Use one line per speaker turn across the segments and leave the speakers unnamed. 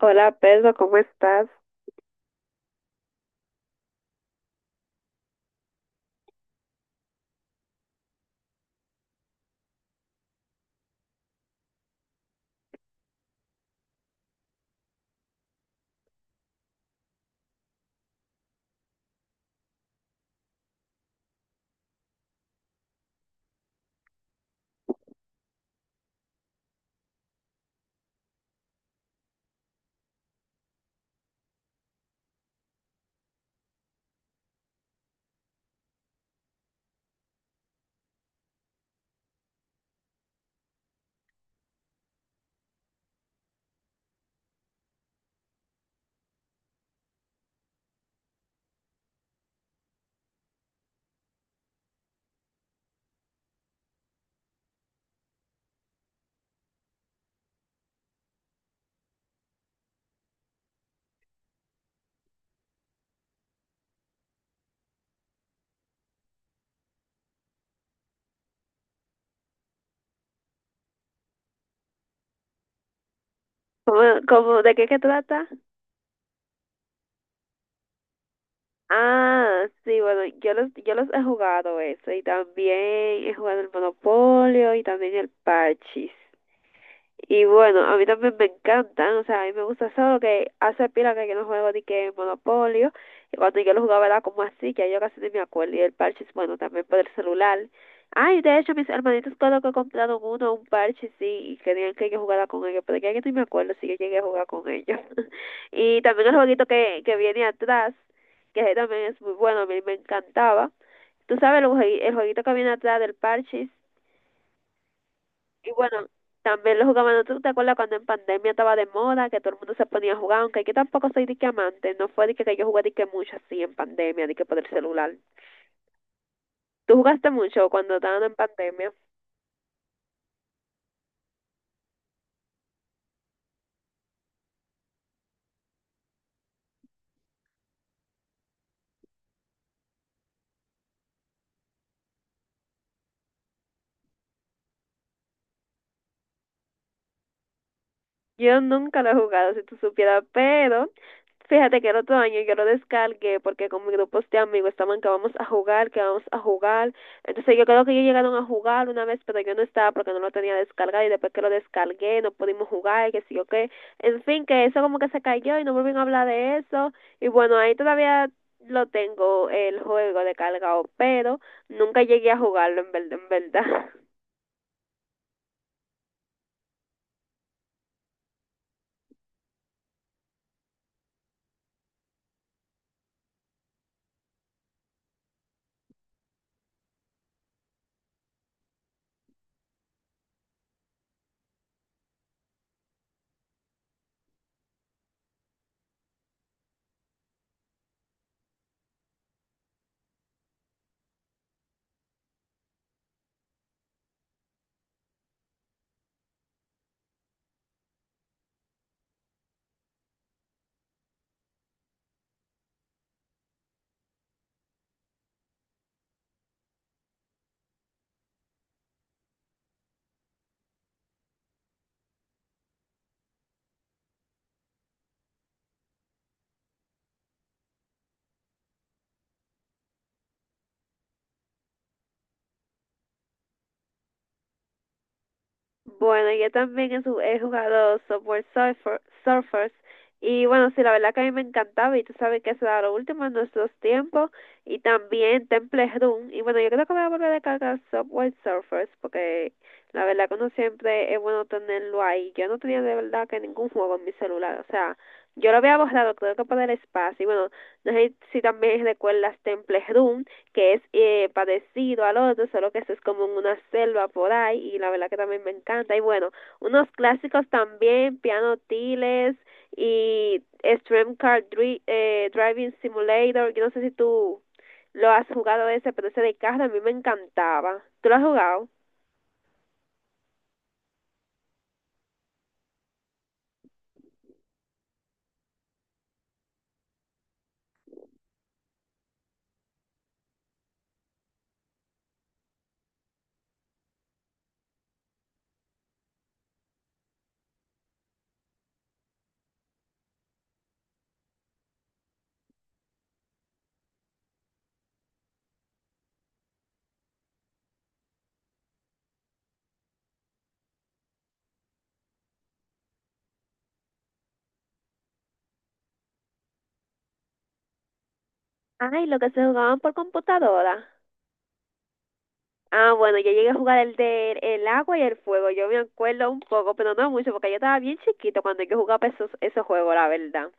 Hola Pedro, ¿cómo estás? ¿Cómo, de qué que trata? Ah, sí, bueno, yo los he jugado eso y también he jugado el Monopolio y también el Parchís. Y bueno, a mí también me encantan, o sea, a mí me gusta, solo que hace pila que yo no juego ni que Monopolio, y cuando yo lo jugaba era como así, que yo casi ni me acuerdo, y el parche es bueno también por el celular. Ay, de hecho, mis hermanitos cuando que compraron uno, un parche, sí, y querían que yo jugara con ellos, pero ya que no me acuerdo si yo llegué a jugar con ellos. Y también el jueguito que viene atrás, que ese también es muy bueno, a mí me encantaba. Tú sabes, el jueguito que viene atrás del parche. Y bueno, también lo jugaban. ¿No tú te acuerdas cuando en pandemia estaba de moda, que todo el mundo se ponía a jugar? Aunque yo tampoco soy dique amante, no fue dique que yo jugué dique mucho así en pandemia, dique por el celular. ¿Tú jugaste mucho cuando estaban en pandemia? Yo nunca lo he jugado, si tú supieras, pero fíjate que el otro año yo lo descargué porque con mis grupos de amigos estaban que vamos a jugar, que vamos a jugar. Entonces yo creo que ellos llegaron a jugar una vez, pero yo no estaba porque no lo tenía descargado, y después que lo descargué no pudimos jugar y que sí o qué. En fin, que eso como que se cayó y no volvieron a hablar de eso. Y bueno, ahí todavía lo tengo el juego descargado, pero nunca llegué a jugarlo en verdad. Bueno, yo también he jugado software Surfer, Surfers, y bueno, sí, la verdad que a mí me encantaba, y tú sabes que eso era lo último en nuestros tiempos. Y también Temple Run. Y bueno, yo creo que voy a volver a descargar software Surfers porque la verdad que uno siempre es bueno tenerlo ahí. Yo no tenía de verdad que ningún juego en mi celular, o sea, yo lo había borrado creo que por el espacio. Y bueno, no sé si también recuerdas Temple Run, que es parecido al otro, solo que eso es como en una selva por ahí, y la verdad que también me encanta. Y bueno, unos clásicos también, Piano Tiles y Extreme Car Driving Simulator. Yo no sé si tú lo has jugado ese, pero ese de carro a mí me encantaba. ¿Tú lo has jugado? Ay, lo que se jugaban por computadora. Ah, bueno, yo llegué a jugar el de el agua y el fuego. Yo me acuerdo un poco, pero no mucho, porque yo estaba bien chiquito cuando yo jugaba esos juegos, la verdad.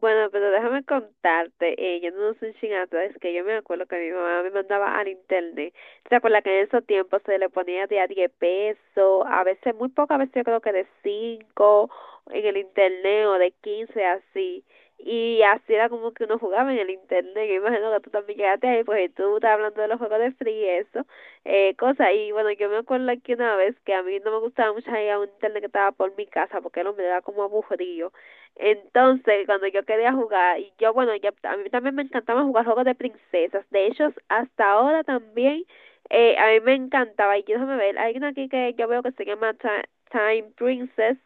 Bueno, pero déjame contarte, yo no soy chin, es que yo me acuerdo que mi mamá me mandaba al internet. ¿Te acuerdas que en esos tiempos se le ponía de a 10 pesos, a veces muy poco, a veces yo creo que de 5 en el internet, o de 15 así? Y así era como que uno jugaba en el internet. Yo imagino que tú también llegaste ahí, pues, y tú estás hablando de los juegos de free y eso, cosa. Y bueno, yo me acuerdo que una vez que a mí no me gustaba mucho ir a un internet que estaba por mi casa porque no me daba, como, aburrido. Entonces, cuando yo quería jugar, y yo, bueno, a mí también me encantaba jugar juegos de princesas. De hecho, hasta ahora también, a mí me encantaba. Y yo, déjame ver, hay una aquí que yo veo que se llama Time Princess.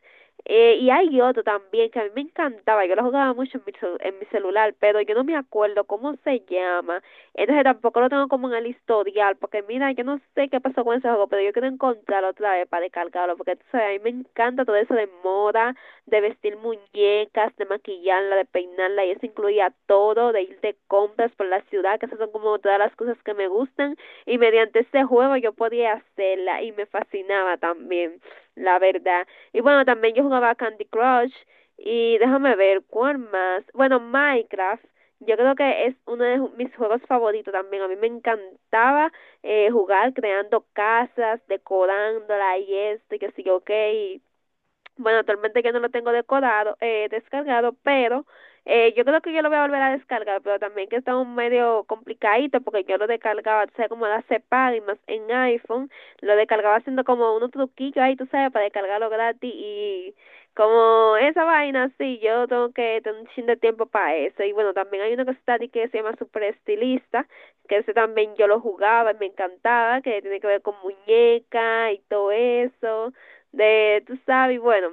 Y hay otro también que a mí me encantaba. Yo lo jugaba mucho en en mi celular, pero yo no me acuerdo cómo se llama. Entonces, tampoco lo tengo como en el historial, porque mira, yo no sé qué pasó con ese juego, pero yo quiero encontrarlo otra vez para descargarlo, porque tú sabes, a mí me encanta todo eso de moda, de vestir muñecas, de maquillarla, de peinarla, y eso incluía todo, de ir de compras por la ciudad, que esas son como todas las cosas que me gustan, y mediante este juego yo podía hacerla y me fascinaba también, la verdad. Y bueno, también yo jugaba Candy Crush, y déjame ver cuál más. Bueno, Minecraft. Yo creo que es uno de mis juegos favoritos también. A mí me encantaba, jugar creando casas, decorándola y esto y que sí, ok. Y bueno, actualmente yo no lo tengo decodado, descargado, pero yo creo que yo lo voy a volver a descargar, pero también que está un medio complicadito porque yo lo descargaba, tú sabes, como la separa, y más en iPhone, lo descargaba haciendo como unos truquillos ahí, tú sabes, para descargarlo gratis, y como esa vaina, sí, yo tengo que tener un chin de tiempo para eso. Y bueno, también hay uno que está aquí que se llama Super Estilista, que ese también yo lo jugaba y me encantaba, que tiene que ver con muñeca y todo eso, de, tú sabes, bueno,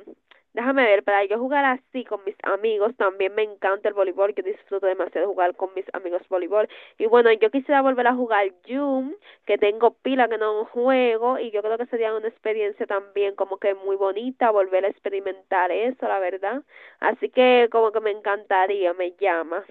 déjame ver, para yo jugar así con mis amigos, también me encanta el voleibol, yo disfruto demasiado jugar con mis amigos voleibol. Y bueno, yo quisiera volver a jugar Zoom, que tengo pila que no juego, y yo creo que sería una experiencia también como que muy bonita, volver a experimentar eso, la verdad. Así que como que me encantaría, me llama.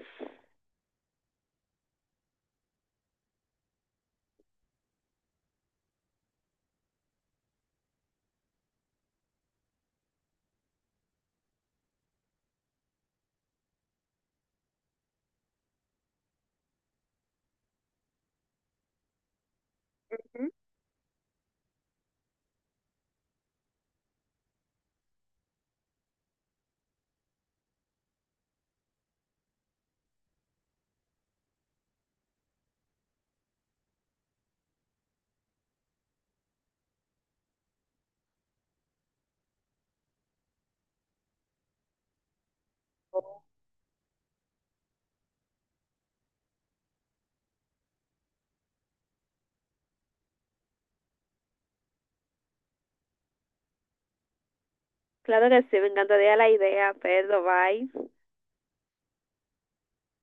Ujú. Claro que sí, me encantaría la idea, pero bye.